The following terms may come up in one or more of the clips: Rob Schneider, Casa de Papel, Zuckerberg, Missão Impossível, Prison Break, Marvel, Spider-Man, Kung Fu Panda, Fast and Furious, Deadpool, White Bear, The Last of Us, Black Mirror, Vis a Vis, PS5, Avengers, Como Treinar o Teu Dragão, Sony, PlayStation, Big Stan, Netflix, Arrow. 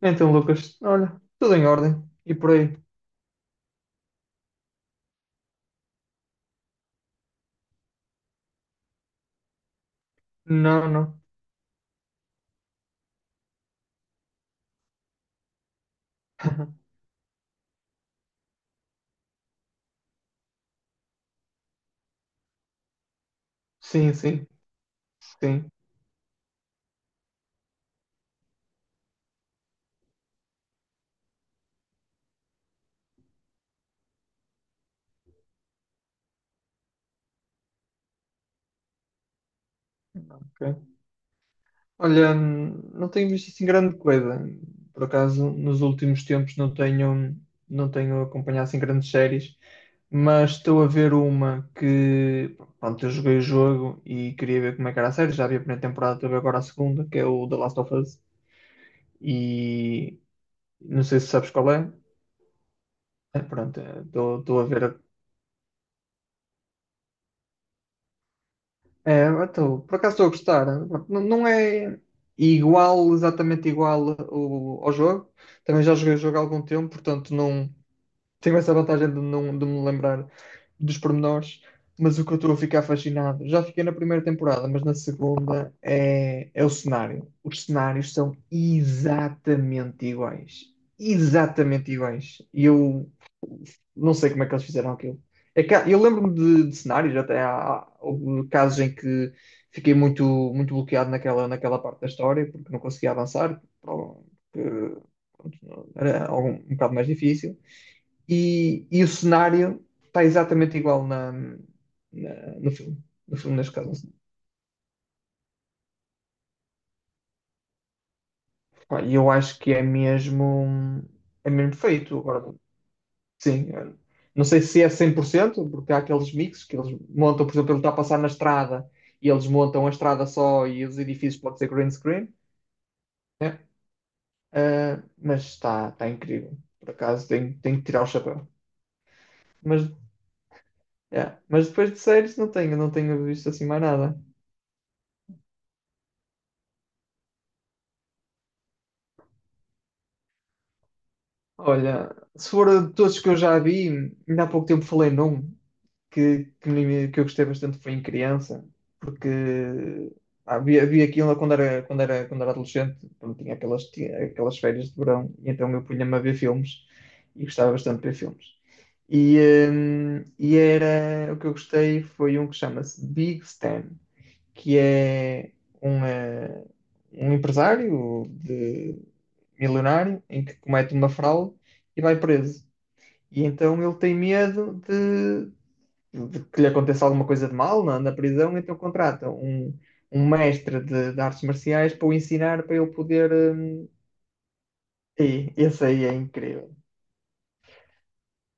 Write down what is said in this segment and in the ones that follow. Então, Lucas, olha, tudo em ordem. E por aí? Não, não. Sim, sim, sim. Ok. Olha, não tenho visto assim grande coisa. Por acaso, nos últimos tempos não tenho acompanhado assim grandes séries, mas estou a ver uma que, pronto, eu joguei o jogo e queria ver como é que era a série. Já vi a primeira temporada, estou a ver agora a segunda, que é o The Last of Us. E não sei se sabes qual é. É, pronto, estou a ver. É, então, por acaso estou a gostar. Não, não é igual, exatamente igual ao jogo. Também já joguei o jogo há algum tempo, portanto não tenho essa vantagem de, não, de me lembrar dos pormenores. Mas o que eu estou a ficar fascinado, já fiquei na primeira temporada, mas na segunda é o cenário. Os cenários são exatamente iguais. Exatamente iguais. E eu não sei como é que eles fizeram aquilo. É que eu lembro-me de cenários, até há, há houve casos em que fiquei muito, muito bloqueado naquela parte da história, porque não conseguia avançar, porque pronto, era algum, um bocado mais difícil. E o cenário está exatamente igual na, no filme. No filme, neste caso. Pá, e eu acho que é mesmo, feito. Agora, sim, não sei se é 100% porque há aqueles mixes que eles montam, por exemplo, ele está a passar na estrada e eles montam a estrada só e os edifícios podem ser green screen, né? Ah, mas está incrível. Por acaso tenho que tirar o chapéu. Mas, mas depois de séries não tenho visto assim mais nada. Olha, se for de todos que eu já vi, ainda há pouco tempo falei num que eu gostei bastante foi em criança, porque havia aquilo quando era adolescente, quando tinha aquelas férias de verão, e então eu punha-me a ver filmes e gostava bastante de ver filmes. E, e era o que eu gostei foi um que chama-se Big Stan, que é um, eh, um empresário de milionário em que comete uma fraude e vai preso. E então ele tem medo de que lhe aconteça alguma coisa de mal na prisão, então contrata um mestre de artes marciais para o ensinar, para ele poder. E esse aí é incrível.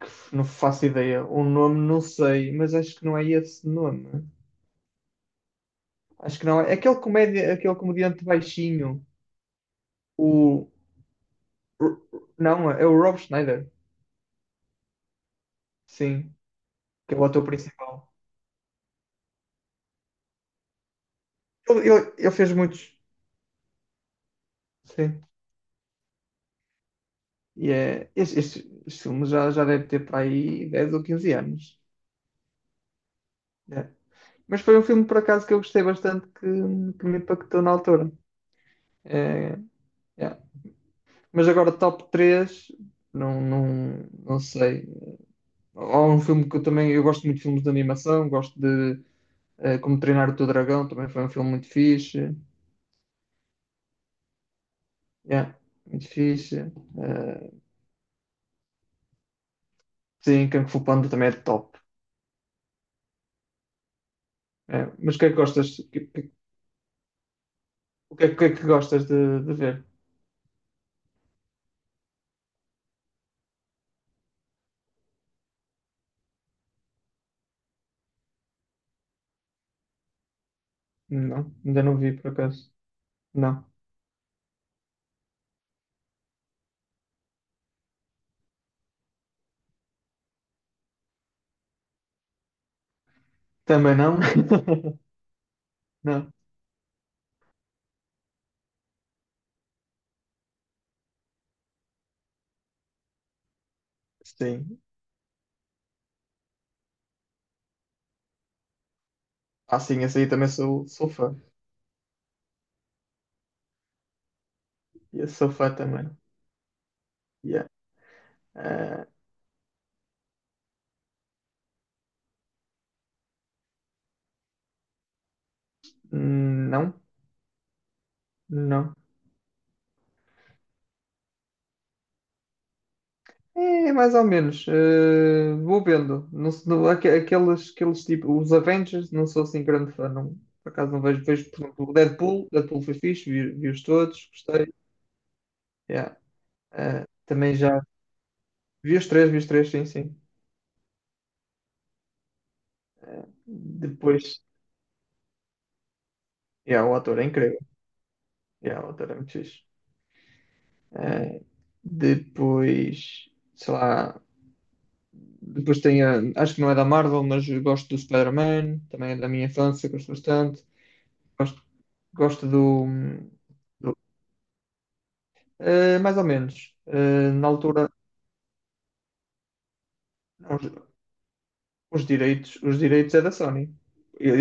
Que não faço ideia. O nome não sei, mas acho que não é esse nome. Acho que não é. Aquele comediante baixinho. O. o- Não, é o Rob Schneider. Sim, que é o ator principal. Ele fez muitos. Sim. E este filme já deve ter para aí 10 ou 15 anos. É. Mas foi um filme, por acaso, que eu gostei bastante, que me impactou na altura. É, yeah. Mas agora, top 3 não, não, não sei. Há um filme que eu também. Eu gosto muito de filmes de animação, gosto de Como Treinar o Teu Dragão, também foi um filme muito fixe. Yeah, muito fixe. Sim, Kung Fu Panda também é top. É, mas o que é que gostas? O que, que, o que é que gostas de ver? Não, ainda não vi por acaso. Não. Também não? Não. Sim. Ah, sim, esse aí também sou fã. E eu sou fã também. Yeah. Eh, não, não. É, mais ou menos. Vou vendo. Não, aqueles tipo, os Avengers, não sou assim grande fã. Não, por acaso não vejo. Vejo, por exemplo, o Deadpool. Deadpool foi fixe, vi-os todos, gostei. Yeah. Também já vi os três, sim, sim. Depois, yeah, o ator é incrível. Yeah, o ator é muito fixe. Eh, depois, sei lá. Depois tem acho que não é da Marvel, mas eu gosto do Spider-Man, também é da minha infância, gosto bastante. Gosto, gosto do- mais ou menos. Na altura, os, os direitos é da Sony.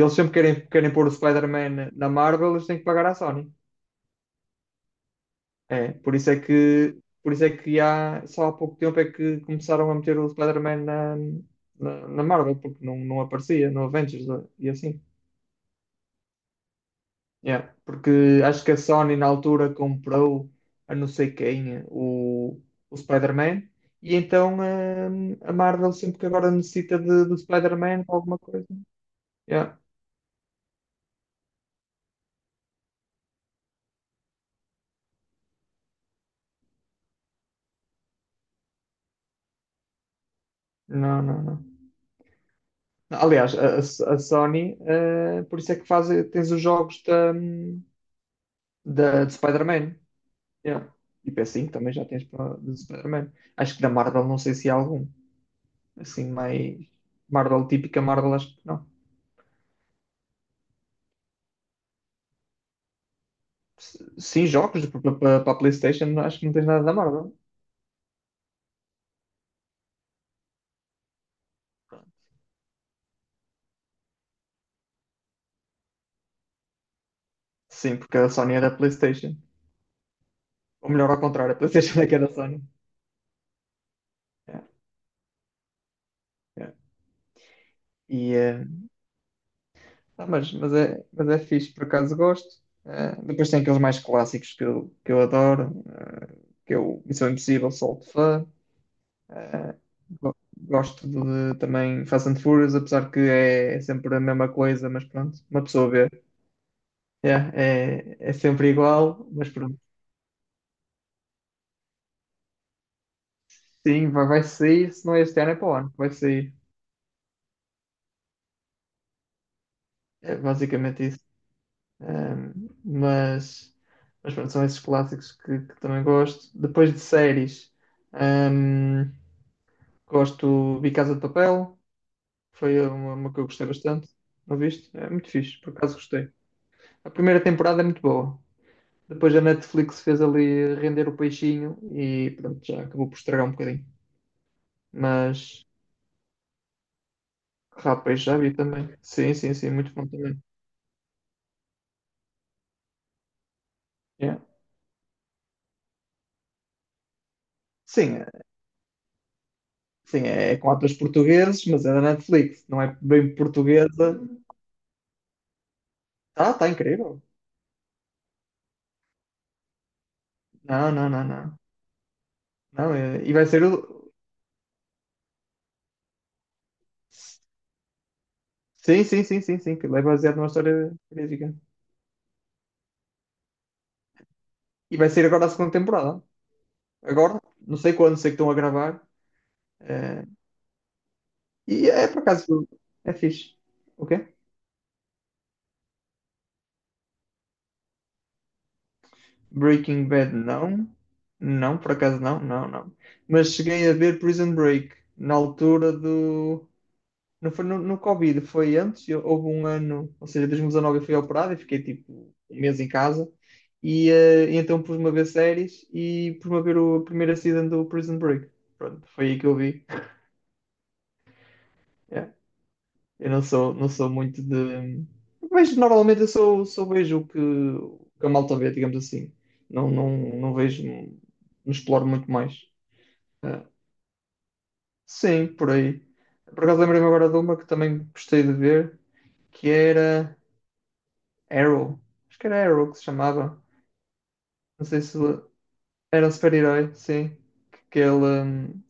Eles sempre querem pôr o Spider-Man na Marvel, eles têm que pagar à Sony. É, por isso é que só há pouco tempo é que começaram a meter o Spider-Man na Marvel, porque não aparecia no Avengers e assim. Yeah, porque acho que a Sony na altura comprou a não sei quem o Spider-Man e então a Marvel sempre que agora necessita do Spider-Man para alguma coisa. Yeah. Não, não, não. Aliás, a, a Sony, por isso é que faz, tens os jogos de Spider-Man. Yeah. E PS5 também já tens de Spider-Man. Acho que da Marvel não sei se há algum. Assim, mais Marvel típica, Marvel acho que não. Sim, jogos para a PlayStation, acho que não tens nada da Marvel. Pronto. Sim, porque a Sony era a PlayStation. Ou melhor, ao contrário, a PlayStation é que era a Sony. Yeah, yeah. E, eh, mas é fixe, por acaso gosto. Depois tem aqueles mais clássicos que eu adoro, Missão Impossível, sou de fã. Eh, gosto de, também Fast and Furious, apesar que é sempre a mesma coisa, mas pronto, uma pessoa vê. Yeah, é sempre igual, mas pronto. Sim, vai sair, se não é este ano, é para o ano. Vai sair. É basicamente isso. Ahm, mas, mas pronto, são esses clássicos que também gosto. Depois de séries, ahm, gosto de Casa de Papel. Foi uma que eu gostei bastante. Não viste? É muito fixe, por acaso gostei. A primeira temporada é muito boa. Depois a Netflix fez ali render o peixinho e pronto, já acabou por estragar um bocadinho. Mas, rapaz, já vi também. Sim, sim, sim, muito bom também. Yeah. Sim, sim, é com atores portugueses, mas é da Netflix. Não é bem portuguesa. Ah, tá incrível. Não, não, não, não. Não, e vai ser o. Sim, sim, sim, sim, sim. Que é baseado numa história verídica. E vai ser agora a segunda temporada. Agora, não sei quando, sei que estão a gravar. É, e é por acaso. É fixe. O quê? Breaking Bad, não. Não, por acaso não, não, não. Mas cheguei a ver Prison Break na altura do. Não foi no Covid, foi antes, houve um ano, ou seja, 2019 eu fui operado e fiquei tipo um mês em casa. E então pus-me a ver séries e pus-me a ver o primeiro season do Prison Break. Pronto, foi aí que eu vi. Yeah. Eu não sou muito de. Mas normalmente eu sou, sou vejo o que a malta vê, digamos assim. Não, não, não vejo, não exploro muito mais. Ah, sim, por aí. Por acaso lembrei-me agora de uma que também gostei de ver, que era. Arrow. Acho que era Arrow que se chamava. Não sei se era um super-herói, sim. Que ele, hum,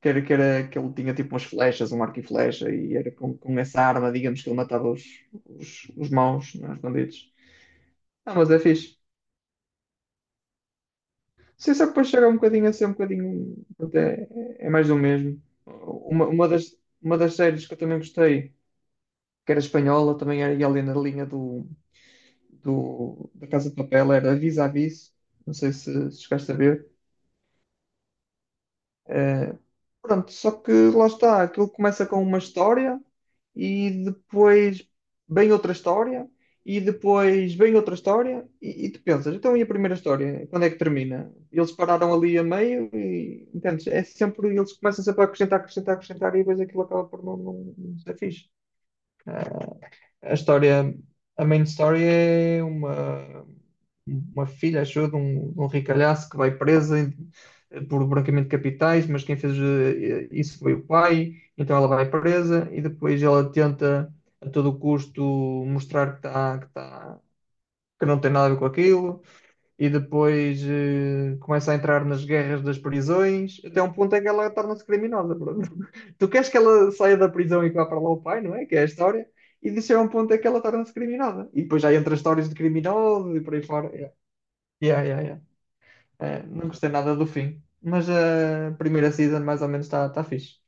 que era, que era que ele tinha tipo umas flechas, um arco e flecha, e era com essa arma, digamos, que ele matava os maus, né, os bandidos. Ah, mas é fixe. Sim, só que depois chega um bocadinho a ser um bocadinho. Até é mais do mesmo. Uma das séries que eu também gostei, que era espanhola, também era e ali na linha da Casa de Papel, era Vis a Vis. Não sei se chegaste a ver. Eh, pronto, só que lá está, aquilo começa com uma história e depois vem outra história e depois vem outra história e tu pensas, então e a primeira história? Quando é que termina? Eles pararam ali a meio e entendes? É sempre, eles começam sempre a acrescentar, acrescentar, acrescentar e depois aquilo acaba por não, não, não ser fixe. A história, a main story é uma filha, acho eu, de um ricalhaço que vai presa por branqueamento de capitais, mas quem fez isso foi o pai, então ela vai presa e depois ela tenta a todo custo mostrar que, tá, que não tem nada a ver com aquilo e depois começa a entrar nas guerras das prisões, até um ponto em que ela torna-se criminosa. Pronto. Tu queres que ela saia da prisão e que vá para lá o pai, não é? Que é a história. E disso é um ponto em que ela torna-se criminosa. E depois já entra histórias de criminosos e por aí fora. Yeah. Yeah, yeah, yeah. Não gostei nada do fim. Mas a primeira season mais ou menos está tá fixe.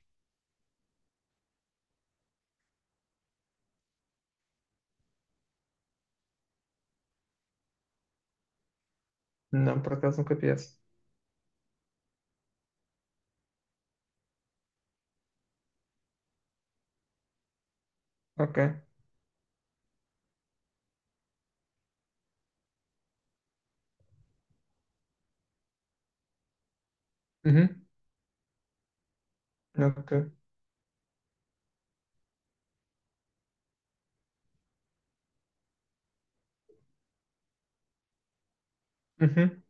Não, por acaso nunca vi essa. Ok. Uhum. Ok. Uhum.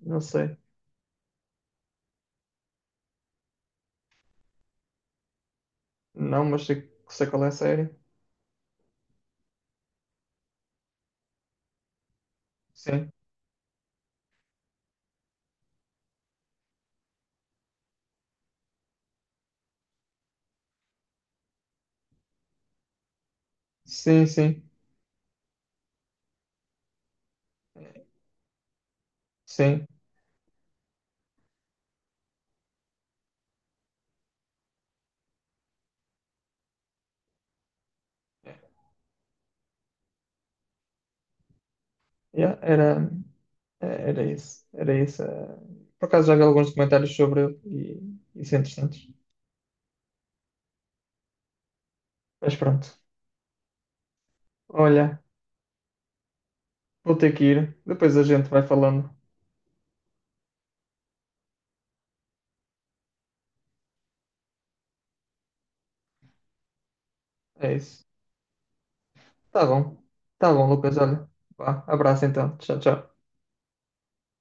Não sei. Não, mas sei qual é a série. Sim. Sim, sim. Sim. Yeah, era isso. Era isso. Eh. Por acaso já vi alguns documentários sobre ele e isso é interessante. Mas pronto. Olha, vou ter que ir. Depois a gente vai falando. É isso. Tá bom. Tá bom, Lucas. Olha. Vá, abraço então. Tchau, tchau.